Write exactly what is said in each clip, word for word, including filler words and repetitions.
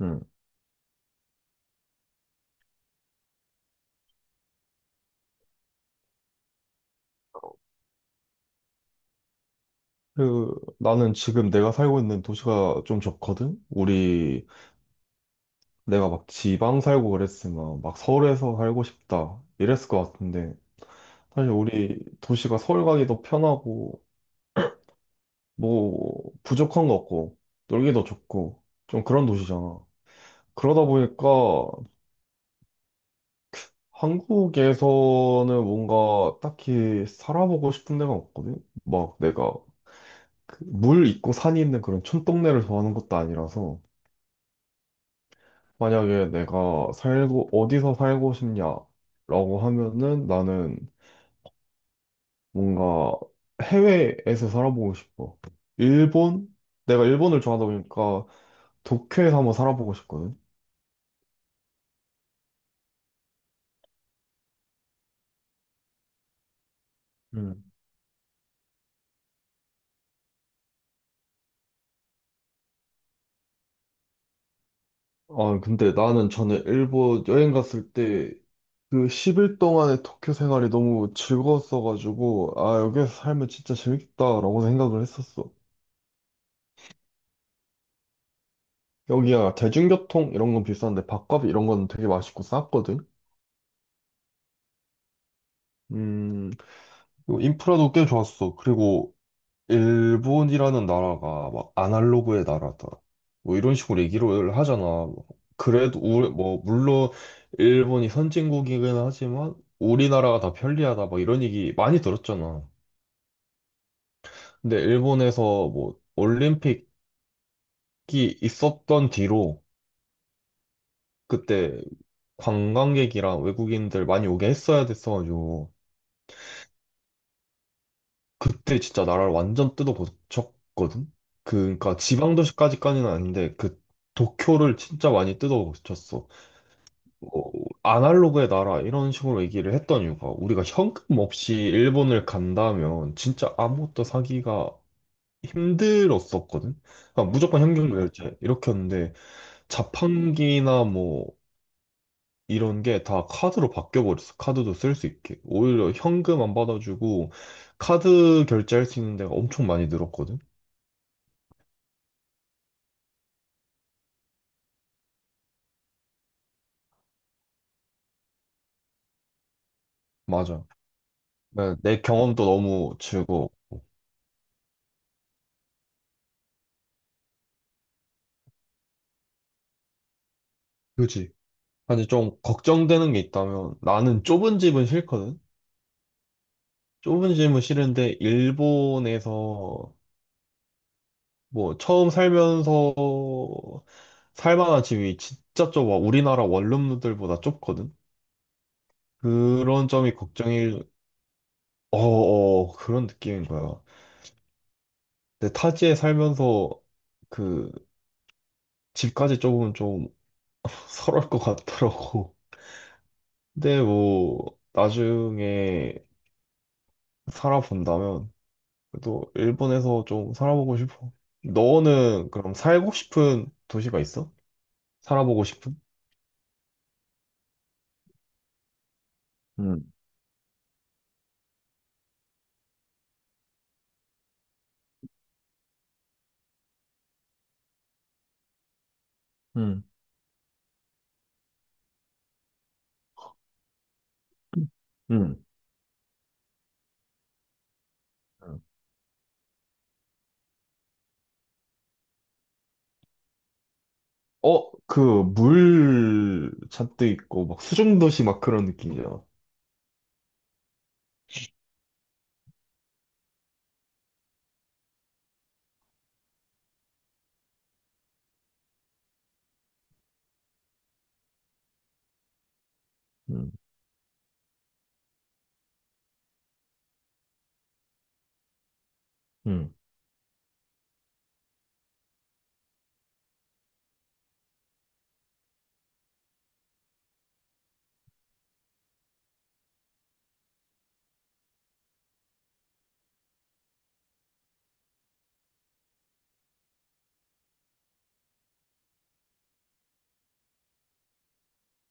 음. 그, 나는 지금 내가 살고 있는 도시가 좀 좋거든? 우리, 내가 막 지방 살고 그랬으면 막 서울에서 살고 싶다. 이랬을 것 같은데. 사실 우리 도시가 서울 가기도 편하고, 뭐, 부족한 거 없고, 놀기도 좋고, 좀 그런 도시잖아. 그러다 보니까 한국에서는 뭔가 딱히 살아보고 싶은 데가 없거든? 막 내가 그물 있고 산이 있는 그런 촌동네를 좋아하는 것도 아니라서. 만약에 내가 살고, 어디서 살고 싶냐라고 하면은 나는 뭔가 해외에서 살아보고 싶어. 일본? 내가 일본을 좋아하다 보니까 도쿄에서 한번 살아보고 싶거든. 음. 아, 근데 나는 전에 일본 여행 갔을 때 그 십 일 동안의 도쿄 생활이 너무 즐거웠어가지고, 아, 여기에서 살면 진짜 재밌겠다라고 생각을 했었어. 여기야 대중교통 이런 건 비싼데 밥값 이런 건 되게 맛있고 쌌거든. 음, 그리고 인프라도 꽤 좋았어. 그리고 일본이라는 나라가 막 아날로그의 나라다. 뭐 이런 식으로 얘기를 하잖아. 그래도 우리 뭐 물론 일본이 선진국이긴 하지만 우리나라가 더 편리하다. 막 이런 얘기 많이 들었잖아. 근데 일본에서 뭐 올림픽이 있었던 뒤로 그때 관광객이랑 외국인들 많이 오게 했어야 됐어가지고 그때 진짜 나라를 완전 뜯어고쳤거든? 그, 그니까 지방도시까지까지는 아닌데, 그 도쿄를 진짜 많이 뜯어고쳤어. 어, 아날로그의 나라, 이런 식으로 얘기를 했던 이유가, 우리가 현금 없이 일본을 간다면 진짜 아무것도 사기가 힘들었었거든? 그러니까 무조건 현금 결제, 이렇게 했는데, 자판기나 뭐, 이런 게 다 카드로 바뀌어버렸어. 카드도 쓸 수 있게. 오히려 현금 안 받아주고, 카드 결제할 수 있는 데가 엄청 많이 늘었거든. 맞아. 네, 내 경험도 너무 즐거워. 그지? 사실 좀 걱정되는 게 있다면 나는 좁은 집은 싫거든? 좁은 집은 싫은데 일본에서 뭐 처음 살면서 살만한 집이 진짜 좁아. 우리나라 원룸들보다 좁거든? 그런 점이 걱정일, 어어, 그런 느낌인 거야. 근데 타지에 살면서 그 집까지 좁으면 좀 서러울 것 같더라고. 근데 뭐 나중에 살아본다면 그래도 일본에서 좀 살아보고 싶어. 너는 그럼 살고 싶은 도시가 있어? 살아보고 싶은? 음, 음, 음. 음. 어, 그, 물 잔뜩 있고, 막 수중도시 막 그런 느낌이잖아. 음, 음,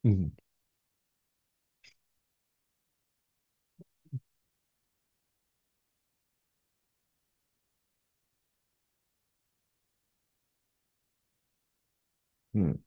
음. 음.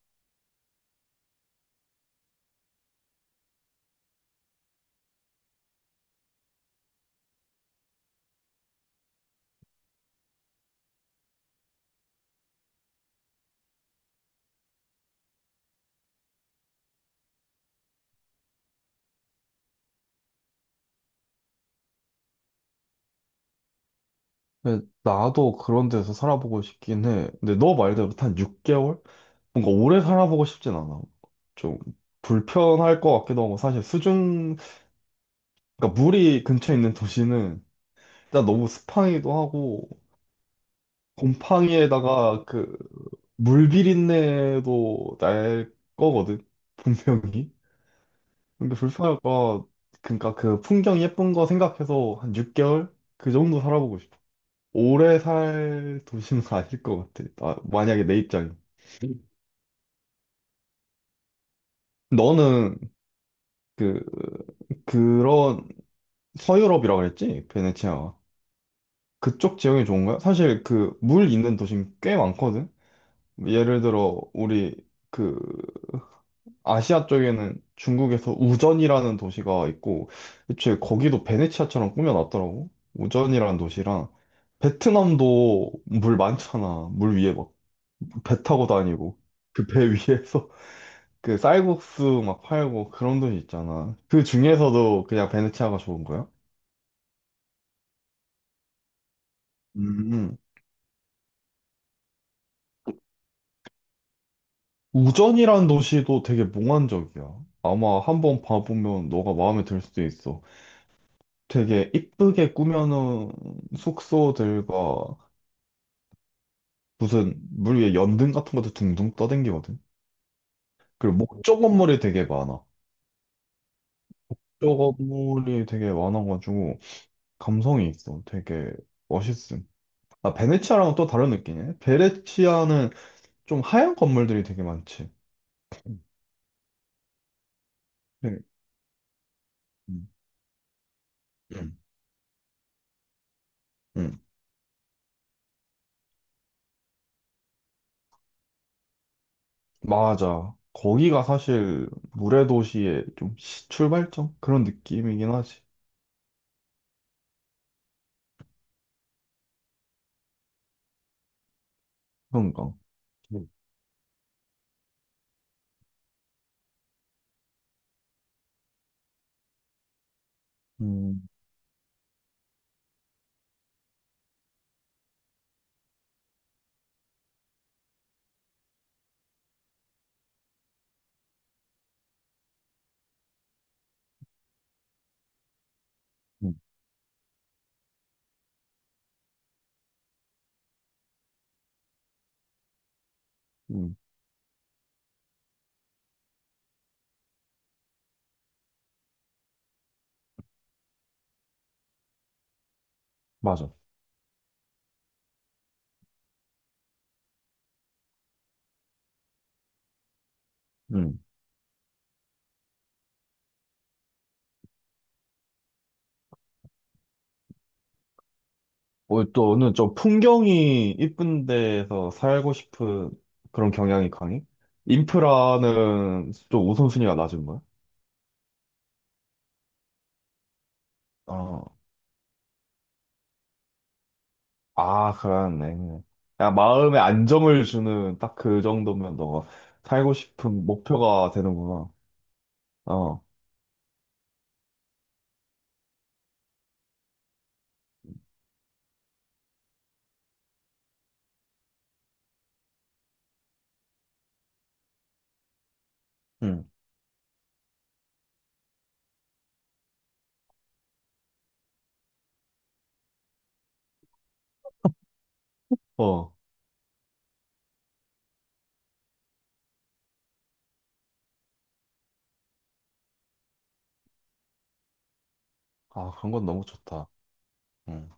근데 나도 그런 데서 살아보고 싶긴 해. 근데 너 말대로 한 육 개월? 뭔가 오래 살아보고 싶진 않아. 좀 불편할 것 같기도 하고, 사실 수중, 그러니까 물이 근처에 있는 도시는 진짜 너무 스팡이기도 하고 곰팡이에다가 그 물 비린내도 날 거거든, 분명히. 근데 불편할까. 그러니까 그 풍경 예쁜 거 생각해서 한 육 개월 그 정도 살아보고 싶어. 오래 살 도시는 아닐 것 같아. 나- 만약에 내 입장이. 너는 그 그런 서유럽이라 그랬지? 베네치아가. 그쪽 지형이 좋은가요? 사실 그 물 있는 도심 꽤 많거든. 예를 들어 우리 그 아시아 쪽에는 중국에서 우전이라는 도시가 있고, 애초에 거기도 베네치아처럼 꾸며놨더라고. 우전이라는 도시랑, 베트남도 물 많잖아. 물 위에 막 배 타고 다니고, 그 배 위에서 그 쌀국수 막 팔고 그런 도시 있잖아. 그 중에서도 그냥 베네치아가 좋은 거야? 음. 우전이라는 도시도 되게 몽환적이야. 아마 한번 봐보면 너가 마음에 들 수도 있어. 되게 이쁘게 꾸며놓은 숙소들과 무슨 물 위에 연등 같은 것도 둥둥 떠댕기거든. 그리고 목조 건물이 되게 많아. 목조 건물이 되게 많아가지고 감성이 있어. 되게 멋있음. 아, 베네치아랑은 또 다른 느낌이네. 베네치아는 좀 하얀 건물들이 되게 많지. 네. 음, 음, 음. 맞아. 거기가 사실 물의 도시의 좀 시- 출발점? 그런 느낌이긴 하지. 그런가. 음, 음, 음, 음. 맞아. 음. 어, 또는 좀 풍경이 이쁜 데에서 살고 싶은 그런 경향이 강해? 인프라는 좀 우선순위가 낮은 거야? 어, 아, 그러네. 그냥 마음에 안정을 주는 딱 그 정도면 너가 살고 싶은 목표가 되는구나. 어, 응, 어. 아, 그런 건 너무 좋다. 응.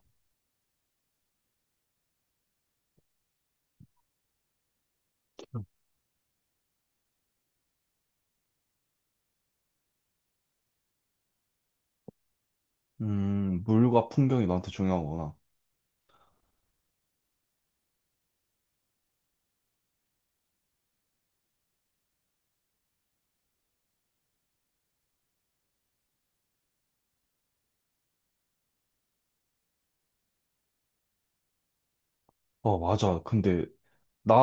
음, 물과 풍경이 너한테 중요한구나. 어, 맞아. 근데 나,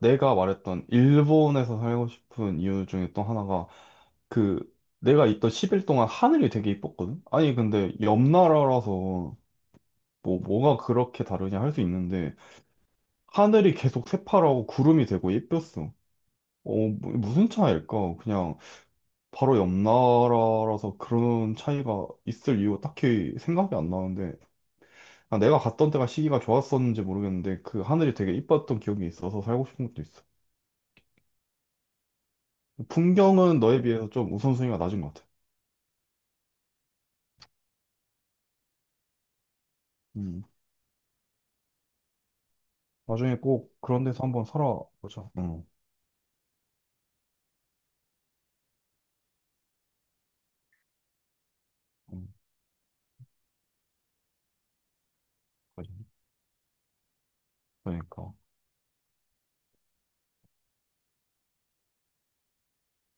내가 말했던 일본에서 살고 싶은 이유 중에 또 하나가 그 내가 있던 십 일 동안 하늘이 되게 이뻤거든? 아니 근데 옆 나라라서 뭐 뭐가 그렇게 다르냐 할 수 있는데 하늘이 계속 새파랗고 구름이 되고 예뻤어. 어, 뭐- 무슨 차이일까? 그냥 바로 옆 나라라서 그런 차이가 있을 이유 딱히 생각이 안 나는데 아, 내가 갔던 때가 시기가 좋았었는지 모르겠는데 그 하늘이 되게 이뻤던 기억이 있어서 살고 싶은 것도 있어. 풍경은 너에 비해서 좀 우선순위가 낮은 것 같아. 음. 나중에 꼭 그런 데서 한번 살아보자. 응. 응. 그러니까.